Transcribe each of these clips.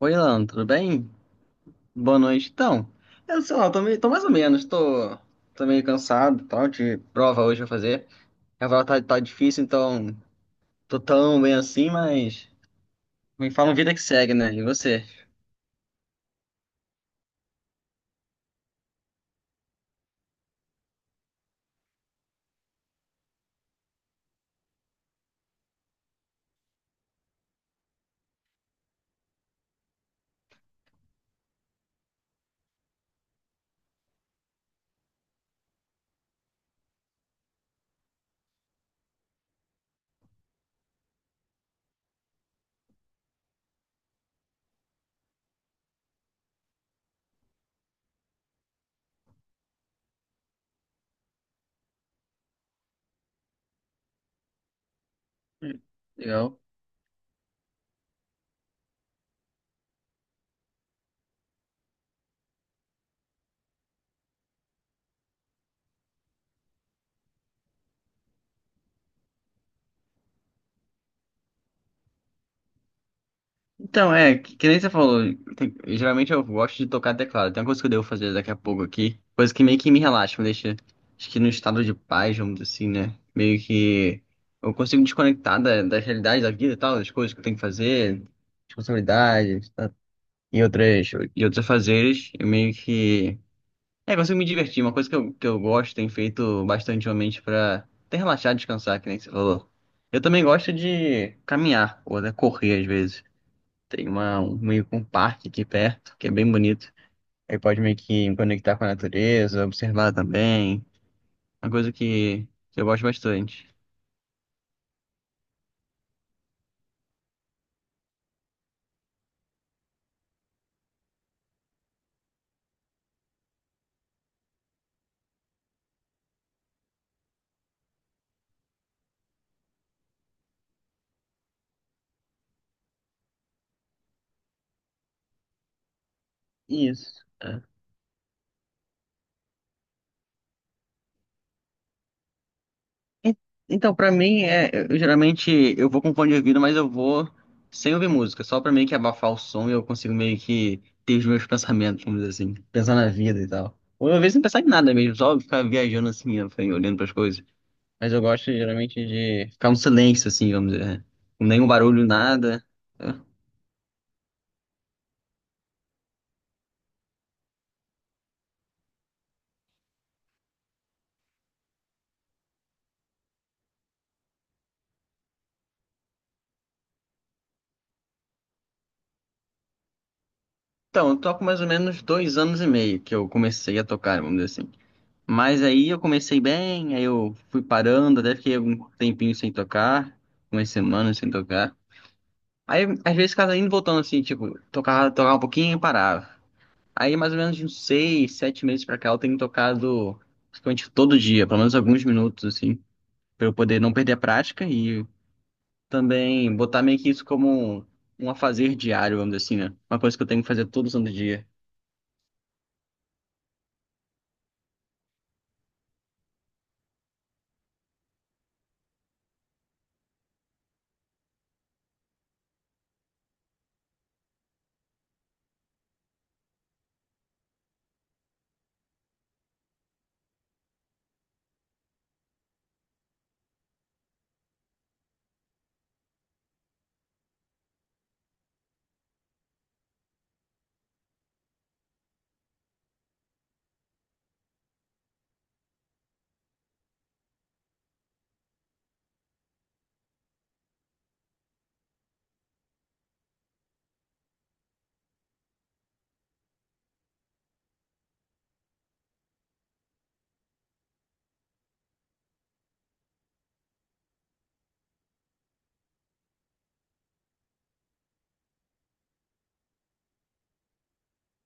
Oi, Alan, tudo bem? Boa noite. Então, eu sei lá, tô, meio, tô mais ou menos, tô, tô meio cansado, e tal, de prova hoje pra fazer. A prova tá difícil, então tô tão bem assim, mas me fala uma vida que segue, né? E você? Legal. Então, é, que nem você falou, geralmente eu gosto de tocar teclado. Tem uma coisa que eu devo fazer daqui a pouco aqui, coisa que meio que me relaxa, me deixa, acho que num estado de paz, vamos dizer assim, né? Meio que eu consigo desconectar da realidade da vida e tal, das coisas que eu tenho que fazer, responsabilidades, tá? E outros afazeres, eu meio que, consigo me divertir. Uma coisa que eu gosto, tenho feito bastante ultimamente pra até relaxar, descansar, que nem você falou. Eu também gosto de caminhar, ou até correr às vezes. Tem meio que um parque aqui perto, que é bem bonito. Aí pode meio que me conectar com a natureza, observar também. Uma coisa que eu gosto bastante. Isso. É. E- Então, pra mim, geralmente eu vou com fone de ouvido, mas eu vou sem ouvir música, só pra meio que abafar o som e eu consigo meio que ter os meus pensamentos, vamos dizer assim, pensar na vida e tal. Ou às vezes não pensar em nada mesmo, só ficar viajando assim, ó, olhando pras coisas. Mas eu gosto geralmente de ficar um silêncio, assim, vamos dizer. Com nenhum barulho, nada. Então, eu toco mais ou menos 2 anos e meio que eu comecei a tocar, vamos dizer assim. Mas aí eu comecei bem, aí eu fui parando, até fiquei algum tempinho sem tocar, umas semanas sem tocar. Aí, às vezes, ficava indo e voltando assim, tipo, tocava um pouquinho e parava. Aí, mais ou menos de uns 6, 7 meses pra cá, eu tenho tocado praticamente todo dia, pelo menos alguns minutos, assim, pra eu poder não perder a prática e também botar meio que isso como um afazer diário, vamos dizer assim, né? Uma coisa que eu tenho que fazer todo santo dia.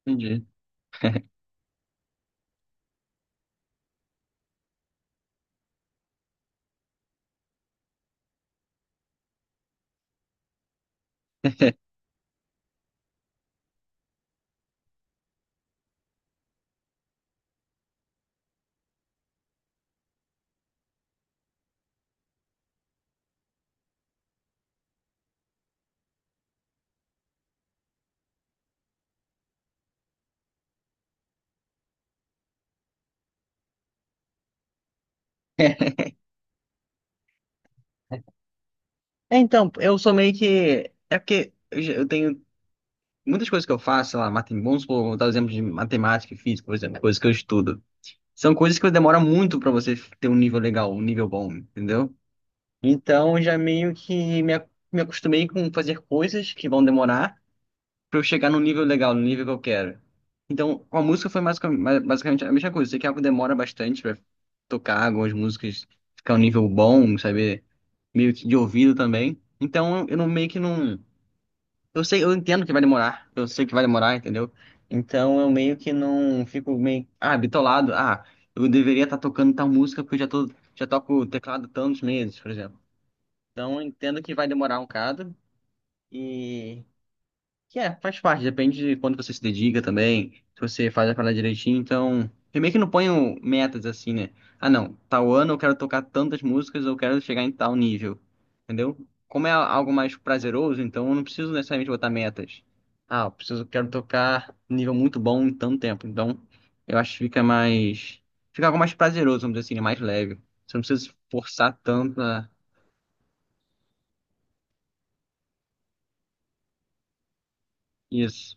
Entendi. É, então, eu sou meio que. É porque eu tenho muitas coisas que eu faço, sei lá, vamos supor, vou dar o exemplo de matemática e física, por exemplo, coisas que eu estudo. São coisas que demora muito pra você ter um nível legal, um nível bom, entendeu? Então, eu já meio que me acostumei com fazer coisas que vão demorar. Pra eu chegar num nível legal, no nível que eu quero. Então, com a música foi basicamente a mesma coisa. Sei que algo demora bastante pra tocar algumas músicas, ficar um nível bom, saber meio que de ouvido também. Então, eu não meio que não. Eu sei, eu entendo que vai demorar. Eu sei que vai demorar, entendeu? Então, eu meio que não fico meio, ah, bitolado. Ah, eu deveria estar tocando tal música porque já toco teclado tantos meses, por exemplo. Então, eu entendo que vai demorar um bocado. E que é, faz parte, depende de quando você se dedica também, se você faz a parada direitinho, então. Eu meio que não ponho metas assim, né? Ah, não, tal ano eu quero tocar tantas músicas, eu quero chegar em tal nível. Entendeu? Como é algo mais prazeroso, então eu não preciso necessariamente botar metas. Ah, eu preciso, quero tocar nível muito bom em tanto tempo. Então, eu acho que fica mais. Fica algo mais prazeroso, vamos dizer assim, né? Mais leve. Você não precisa se forçar tanto a isso.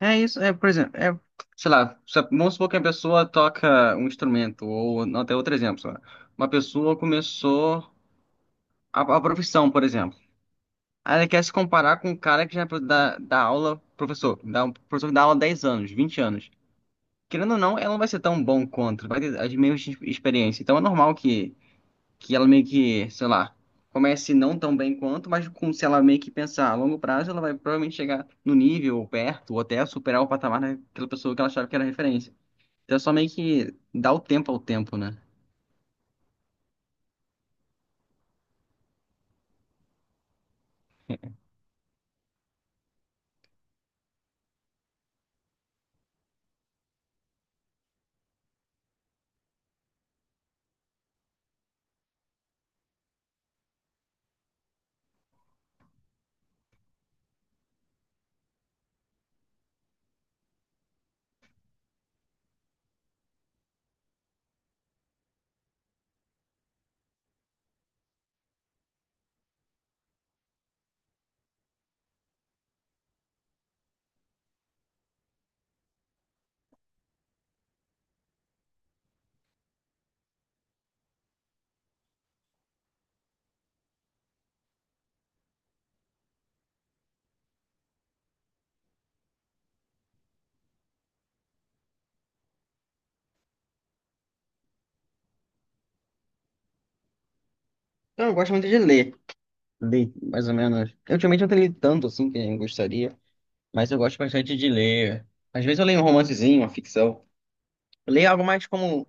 É isso, é, por exemplo, é, sei lá, vamos supor que a pessoa toca um instrumento, ou não, até outro exemplo, sei lá. Uma pessoa começou a profissão, por exemplo. Aí ela quer se comparar com um cara que já dá aula, um professor que dá aula há 10 anos, 20 anos. Querendo ou não, ela não vai ser tão bom quanto, vai ter as mesmas experiências. Então é normal que ela meio que, sei lá, comece não tão bem quanto, mas com se ela meio que pensar a longo prazo, ela vai provavelmente chegar no nível, ou perto, ou até superar o patamar daquela pessoa que ela achava que era referência. Então é só meio que dar o tempo ao tempo, né? Então, eu gosto muito de ler. Ler, mais ou menos. Eu, ultimamente não tenho lido tanto assim que eu gostaria, mas eu gosto bastante de ler. Às vezes eu leio um romancezinho, uma ficção. Leia algo mais como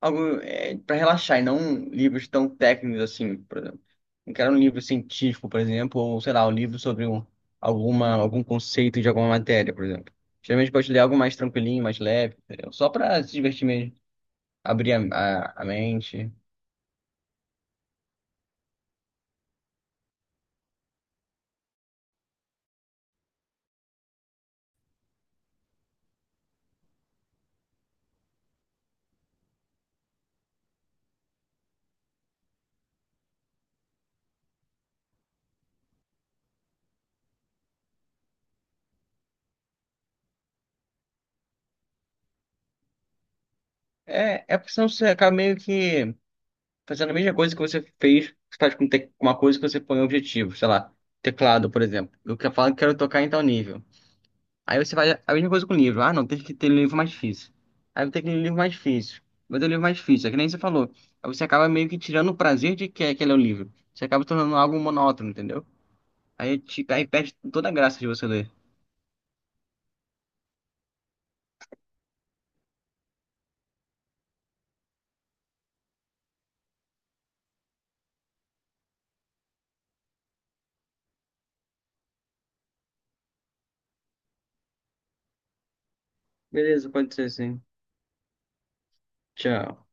algo é, para relaxar e não livros tão técnicos assim, por exemplo. Não quero um livro científico, por exemplo, ou sei lá, um livro sobre um, alguma, algum conceito de alguma matéria, por exemplo. Geralmente eu gosto de ler algo mais tranquilinho, mais leve, entendeu? Só para se divertir mesmo, abrir a, a mente. É, é porque senão você acaba meio que fazendo a mesma coisa que você fez, você faz uma coisa que você põe um objetivo, sei lá, teclado, por exemplo. Eu falo que quero tocar em tal nível. Aí você vai a mesma coisa com o livro. Ah, não, tem que ter livro mais difícil. Aí tem que ter livro mais difícil. Mas é o livro mais difícil, é que nem você falou. Aí você acaba meio que tirando o prazer de que aquele é o livro. Você acaba tornando algo monótono, entendeu? Aí perde toda a graça de você ler. Beleza, pode ser sim. Tchau.